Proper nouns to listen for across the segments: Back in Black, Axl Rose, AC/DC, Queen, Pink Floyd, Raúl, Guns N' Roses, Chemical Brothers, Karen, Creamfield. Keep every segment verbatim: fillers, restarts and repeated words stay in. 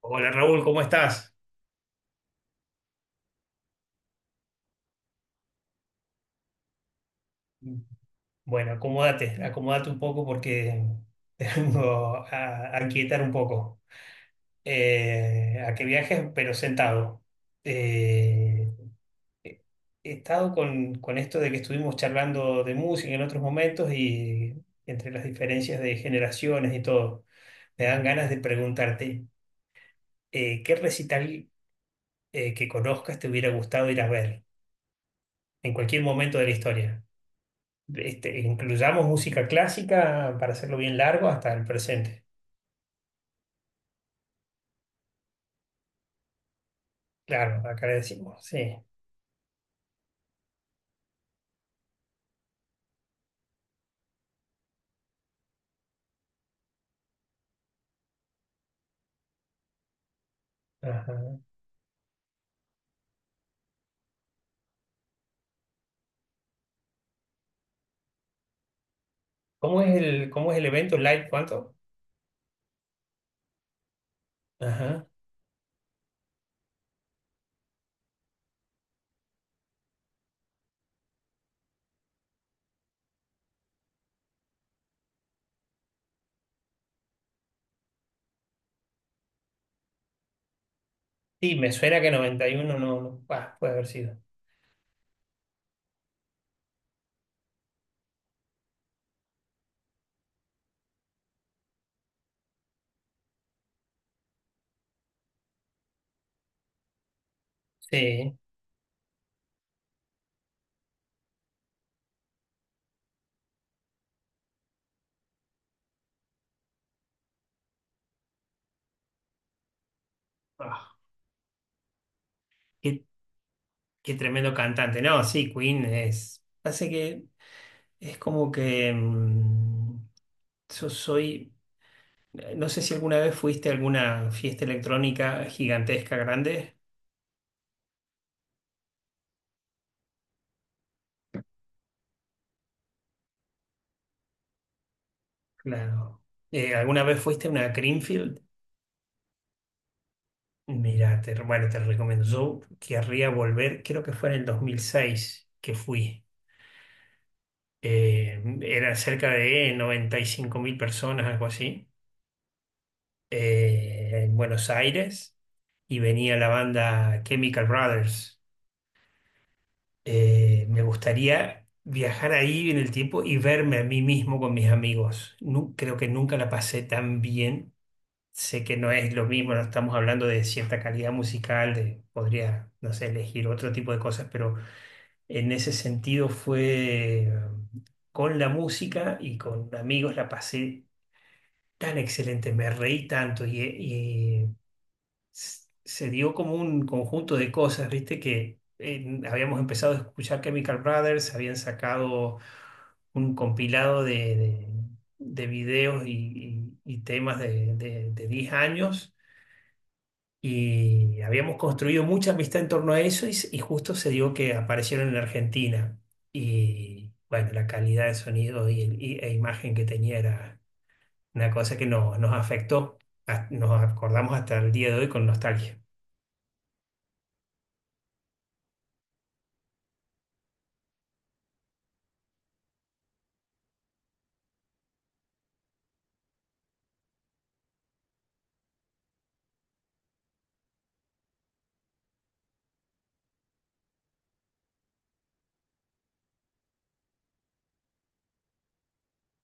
Hola Raúl, ¿cómo estás? Bueno, acomódate, acomódate un poco porque tengo a, a quietar un poco. Eh, a que viajes, pero sentado. Eh, he estado con, con esto de que estuvimos charlando de música en otros momentos y entre las diferencias de generaciones y todo, me dan ganas de preguntarte, eh, ¿qué recital eh, que conozcas te hubiera gustado ir a ver en cualquier momento de la historia? Este, incluyamos música clásica para hacerlo bien largo hasta el presente. Claro, acá le decimos, sí. Ajá. ¿Cómo es el, cómo es el evento? ¿Live cuánto? Ajá. Sí, me suena que noventa y uno, no, no, bah, puede haber sido. Sí. Ah, qué, qué tremendo cantante. No, sí, Queen es. Hace que es como que mm, yo soy. No sé si alguna vez fuiste a alguna fiesta electrónica gigantesca, grande. Claro. Eh, ¿alguna vez fuiste a una Creamfield? Mira, te- bueno, te recomiendo. Yo querría volver, creo que fue en el dos mil seis que fui. Eh, era cerca de noventa y cinco mil personas, algo así, eh, en Buenos Aires y venía la banda Chemical Brothers. Eh, me gustaría viajar ahí en el tiempo y verme a mí mismo con mis amigos. Nu- creo que nunca la pasé tan bien. Sé que no es lo mismo, no estamos hablando de cierta calidad musical, de, podría, no sé, elegir otro tipo de cosas, pero En ese sentido fue, eh, con la música y con amigos la pasé tan excelente, me reí tanto y, y s- se dio como un conjunto de cosas, viste que eh, habíamos empezado a escuchar Chemical Brothers, habían sacado un compilado de, de- de videos y, y- y temas de, de, de diez años y habíamos construido mucha amistad en torno a eso y, s- y justo se dio que aparecieron en Argentina. Y bueno, la calidad de sonido y, el- y- e imagen que tenía era una cosa que nos, nos afectó. Ha- Nos acordamos hasta el día de hoy con nostalgia.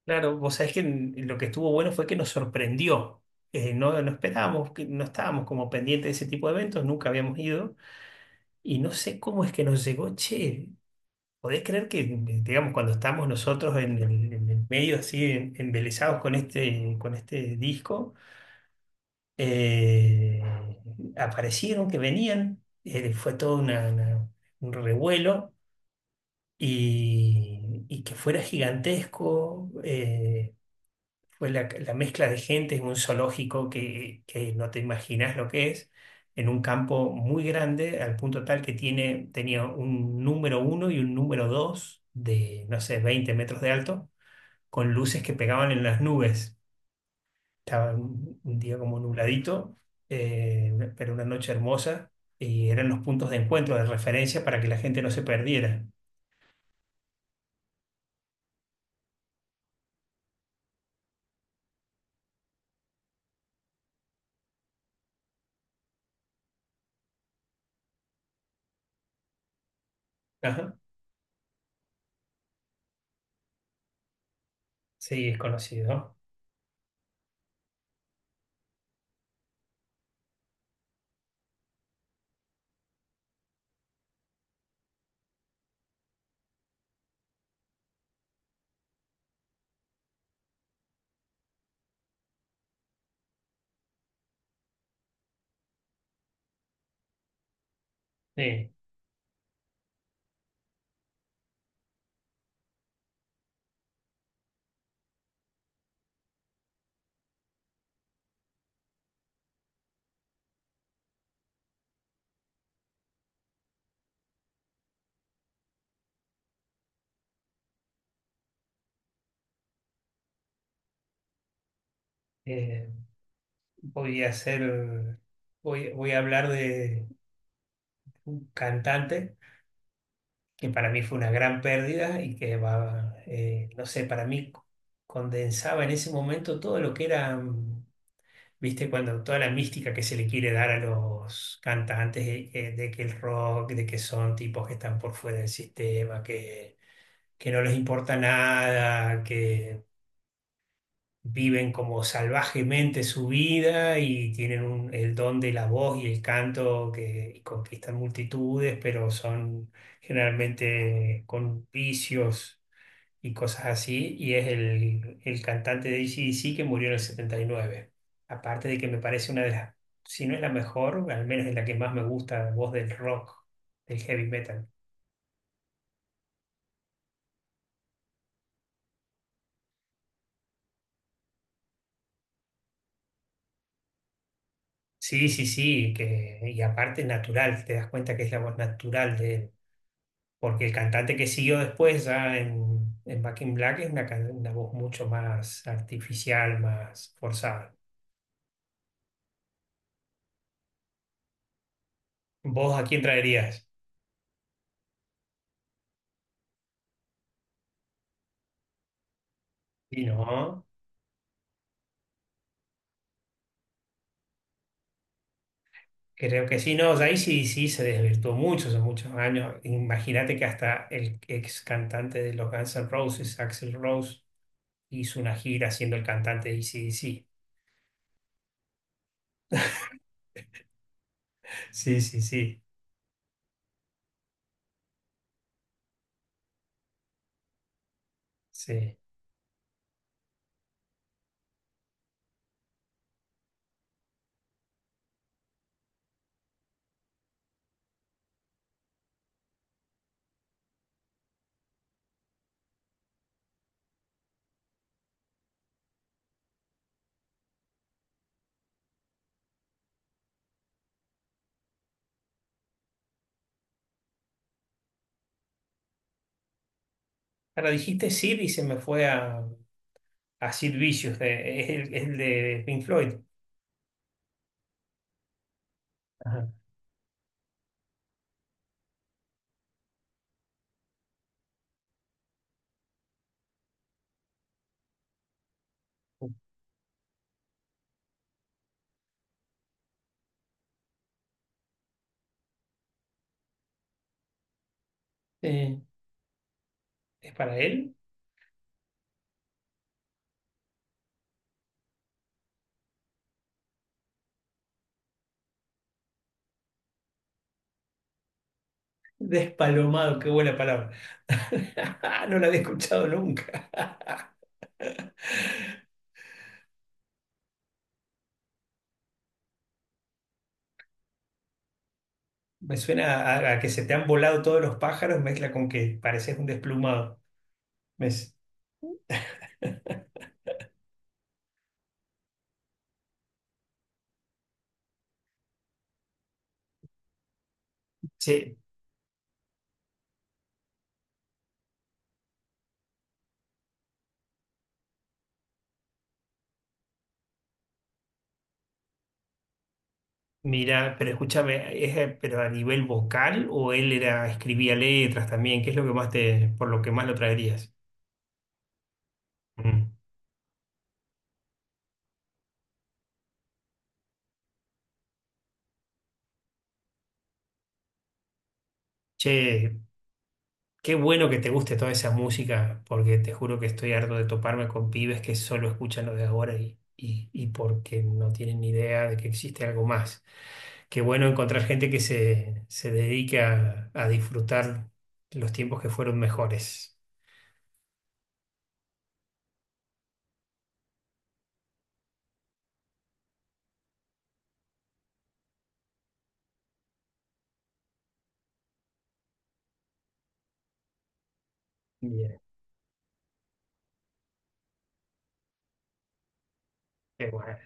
Claro, vos sabés que en- lo que estuvo bueno fue que nos sorprendió. Eh, no, no esperábamos, que no estábamos como pendientes de ese tipo de eventos, nunca habíamos ido. Y no sé cómo es que nos llegó, che. ¿Podés creer que, mm, digamos, cuando estamos nosotros en el, en el medio así, en- embelesados con este, con este disco, eh, aparecieron que venían, eh, fue todo una- una- un revuelo y, y que fuera gigantesco. Eh, fue la, la mezcla de gente en un zoológico que, que no te imaginas lo que es, en un campo muy grande, al punto tal que tiene, tenía un número uno y un número dos de, no sé, veinte metros de alto, con luces que pegaban en las nubes. Estaba un, un día como nubladito, eh, pero una noche hermosa, y eran los puntos de encuentro, de referencia para que la gente no se perdiera. Ajá. Sí, es conocido. Sí. Eh, Voy a hacer, voy, voy a hablar de un cantante que para mí fue una gran pérdida y que va, eh, no sé, para mí condensaba en ese momento todo lo que era, mm, viste, cuando toda la mística que se le quiere dar a los cantantes eh, eh, de, que el rock, de que son tipos que están por fuera del sistema, que, que no les importa nada, que viven como salvajemente su vida y tienen un- el don de la voz y el canto que y conquistan multitudes, pero son generalmente con vicios y cosas así. Y es el, el cantante de A C/D C que murió en el setenta y nueve. Aparte de que me parece una de las, si no es la mejor, al menos es la que más me gusta, voz del rock, del heavy metal. Sí, sí, sí, que, y aparte es natural, te das cuenta que es la voz natural de él. porque el cantante que siguió después ya en, en Back in Black es una, can- una voz mucho más artificial, más forzada. ¿Vos a quién traerías? Y no, creo que sí, no, ahí sí, sí se desvirtuó mucho hace muchos años. Imagínate que hasta el ex cantante de los Guns N' Roses, Axl Rose, hizo una gira siendo el cantante de ac. Sí, sí, sí, sí. Ahora dijiste Sid y se me fue a, a Sid Vicious, de- es el, es el de Pink Floyd. Ajá. Sí. ¿Es para él? Despalomado, qué buena palabra. No la había escuchado nunca. Me suena a, a que se te han volado todos los pájaros, mezcla con que pareces un desplumado. Me s- Che, mira, pero escúchame, ¿es, eh, pero a nivel vocal o él era, escribía letras también? ¿Qué es lo que más te, por lo que más lo traerías? Mm. Che, qué bueno que te guste toda esa música, porque te juro que estoy harto de toparme con pibes que solo escuchan lo de ahora y, y, y porque no tienen ni idea de que existe algo más. Qué bueno encontrar gente que se, se dedique a, a disfrutar los tiempos que fueron mejores. Bien, qué bueno.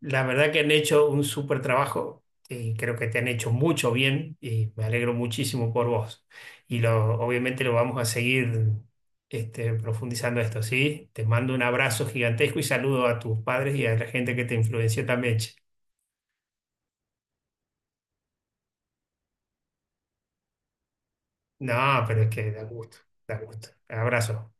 La verdad que han hecho un súper trabajo y creo que te han hecho mucho bien y me alegro muchísimo por vos. Y lo, obviamente lo vamos a seguir, este, profundizando esto, ¿sí? Te mando un abrazo gigantesco y saludo a tus padres y a la gente que te influenció también. che. No, pero es que da gusto, da gusto. Abrazo.